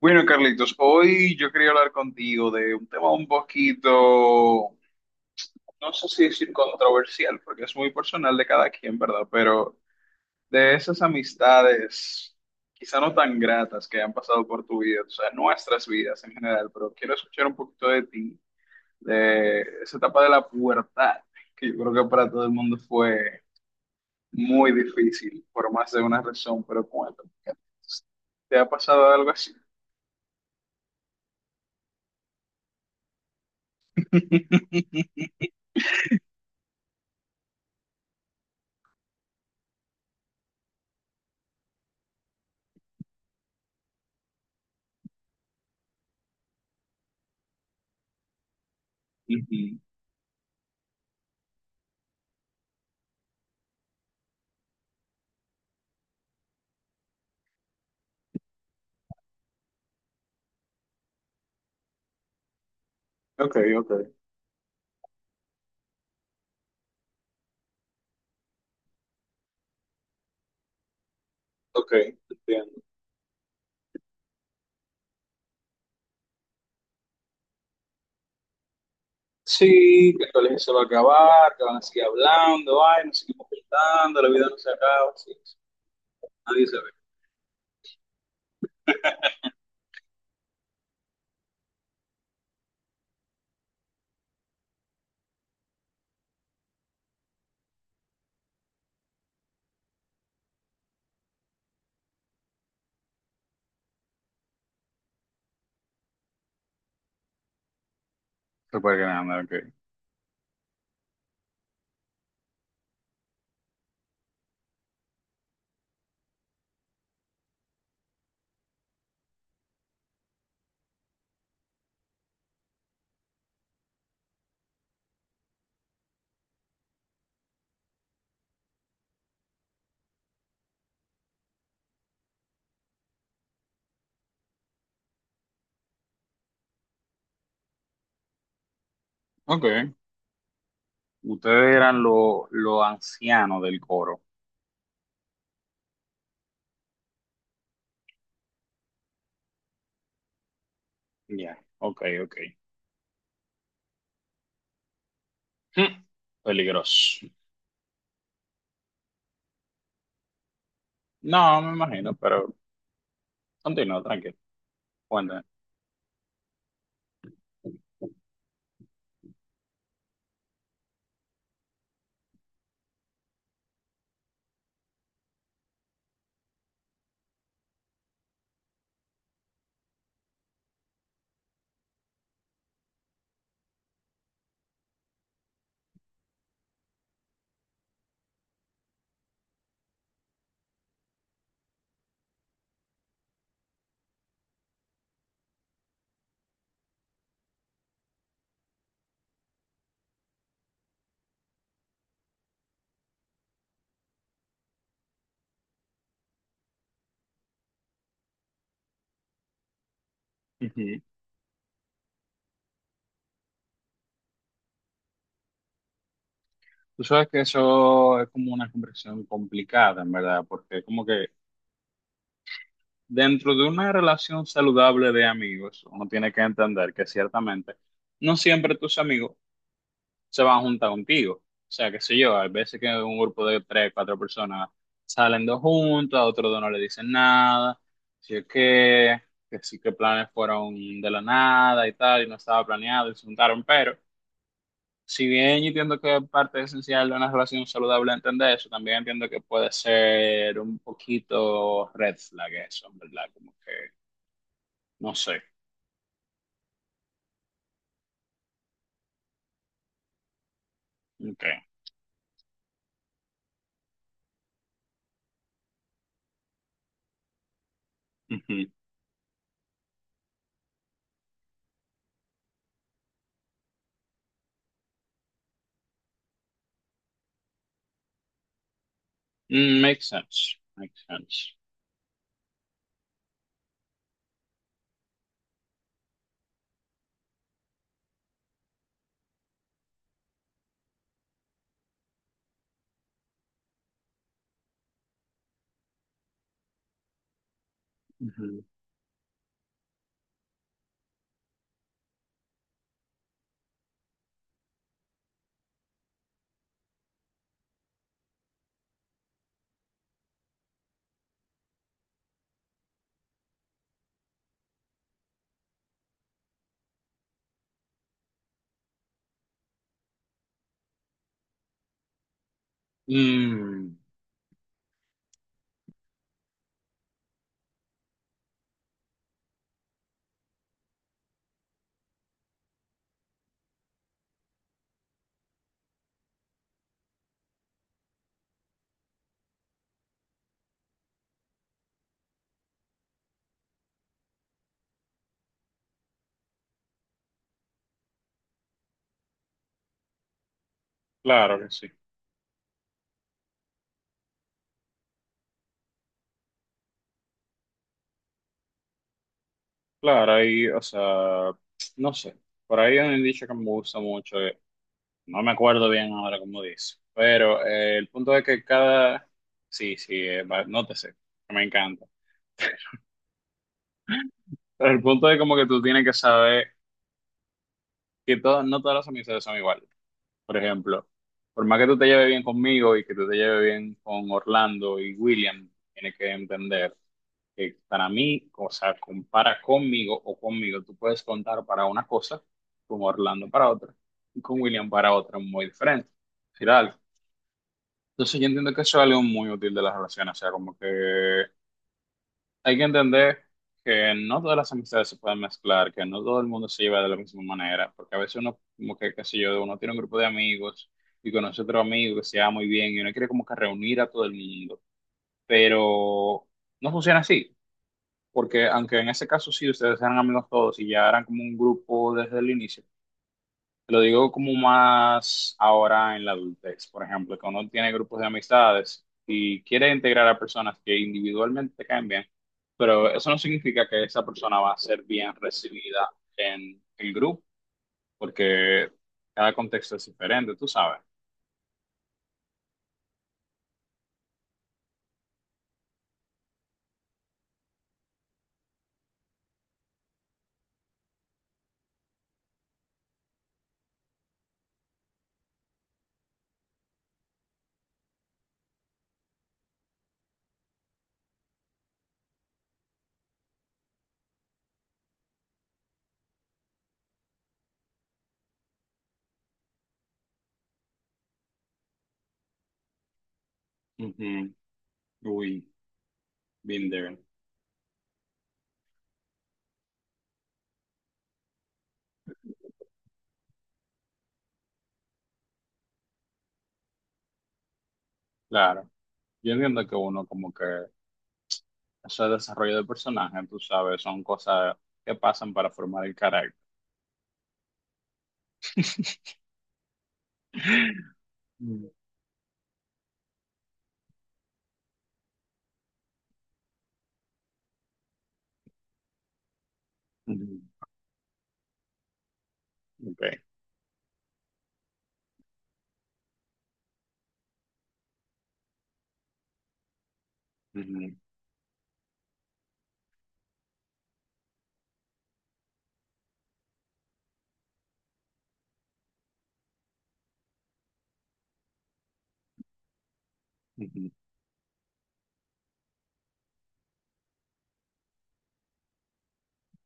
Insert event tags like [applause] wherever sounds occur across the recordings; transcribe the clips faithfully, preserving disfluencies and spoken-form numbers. Bueno, Carlitos, hoy yo quería hablar contigo de un tema un poquito, no sé si decir controversial, porque es muy personal de cada quien, ¿verdad? Pero de esas amistades, quizá no tan gratas que han pasado por tu vida, o sea, nuestras vidas en general, pero quiero escuchar un poquito de ti, de esa etapa de la pubertad, que yo creo que para todo el mundo fue muy difícil, por más de una razón, pero cuéntame, ¿te ha pasado algo así? [laughs] Ujú. Ok, ok, ok, entiendo. Sí, que el colegio se va a acabar, que van a seguir hablando, ay, nos seguimos juntando, la vida no se acaba, sí, sí, nadie se ve. Súper grande, ok. Ok. Ustedes eran los los ancianos del coro. Ya, ok, ok. Hmm, peligroso. No, me imagino, pero continúa, tranquilo. Ujú. Tú sabes que eso es como una conversación complicada, en verdad, porque como que dentro de una relación saludable de amigos, uno tiene que entender que ciertamente no siempre tus amigos se van a juntar contigo. O sea, qué sé yo, hay veces que un grupo de tres, cuatro personas salen dos juntas, a otros dos no le dicen nada, si es que, que sí que planes fueron de la nada y tal, y no estaba planeado y se juntaron, pero si bien yo entiendo que parte esencial de una relación saludable es entender eso, también entiendo que puede ser un poquito red flag eso, en ¿verdad? Como que, no sé, ok. Ujú. Mm, makes sense, makes sense. Ujú. Mm, claro que sí. Claro, ahí, o sea, no sé. Por ahí hay un dicho que me gusta mucho, eh, no me acuerdo bien ahora cómo dice, pero eh, el punto es que cada. Sí, sí, eh, va- no te sé, me encanta. Pero el punto es como que tú tienes que saber que todas, no todas las amistades son iguales. Por ejemplo, por más que tú te lleves bien conmigo y que tú te lleves bien con Orlando y William, tienes que entender que para mí, o sea, compara conmigo o conmigo, tú puedes contar para una cosa, con Orlando para otra y con William para otra, muy diferente. Decir algo. Entonces yo entiendo que eso es algo muy útil de las relaciones, o sea, como que hay que entender que no todas las amistades se pueden mezclar, que no todo el mundo se lleva de la misma manera, porque a veces uno, como que, qué sé yo, uno tiene un grupo de amigos y conoce otro amigo que se lleva muy bien y uno quiere como que reunir a todo el mundo, pero no funciona así, porque aunque en ese caso sí ustedes eran amigos todos y ya eran como un grupo desde el inicio, lo digo como más ahora en la adultez, por ejemplo, que uno tiene grupos de amistades y quiere integrar a personas que individualmente te caen bien, pero eso no significa que esa persona va a ser bien recibida en el grupo, porque cada contexto es diferente, tú sabes. Ujú. Uy, been there. Claro. Yo entiendo que uno como que ese desarrollo de personaje, tú sabes, son cosas que pasan para formar el carácter. [laughs] Ujú. Ujú. Ok. Ujú. Ujú.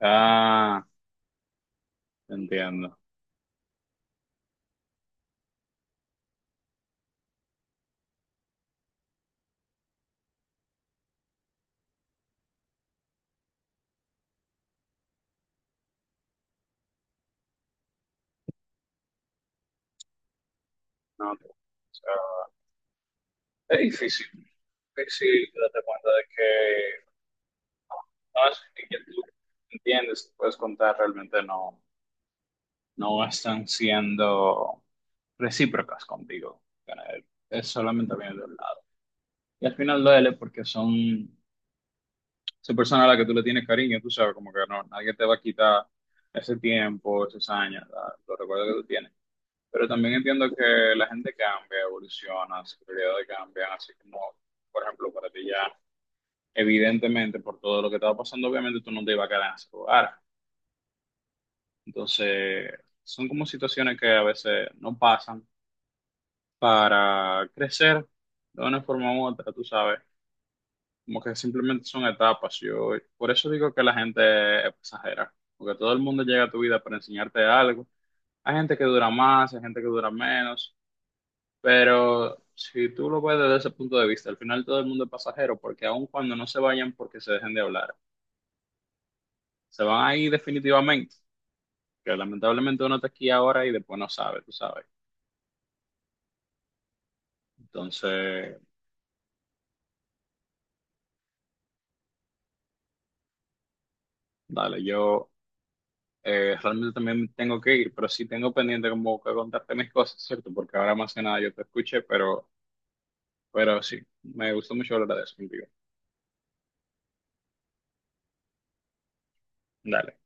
Ah, entiendo. No, no, o sea, es difícil, difícil darte cuenta de que no no es que quien tú entiendes, puedes contar, realmente no, no están siendo recíprocas contigo. Eh, Es solamente viene de un lado. Y al final duele porque son esa persona a la que tú le tienes cariño, tú sabes, como que no, nadie te va a quitar ese tiempo, esos años, la- los recuerdos que tú tienes. Pero también entiendo que la gente cambia, evoluciona, sus prioridades cambian, así como, por ejemplo, para ti ya, evidentemente, por todo lo que estaba pasando, obviamente tú no te ibas a quedar en ese lugar. Entonces, son como situaciones que a veces no pasan para crecer de una forma u otra, tú sabes. Como que simplemente son etapas. Yo, por eso digo que la gente es pasajera, porque todo el mundo llega a tu vida para enseñarte algo. Hay gente que dura más, hay gente que dura menos, pero si tú lo ves desde ese punto de vista, al final todo el mundo es pasajero, porque aun cuando no se vayan porque se dejen de hablar, se van a ir definitivamente, que lamentablemente uno está aquí ahora y después no sabe, tú sabes. Entonces, dale, yo eh, realmente también tengo que ir, pero sí tengo pendiente como que contarte mis cosas, ¿cierto? Porque ahora más que nada yo te escuché, pero... Pero sí, me gustó mucho hablar de eso contigo. Dale.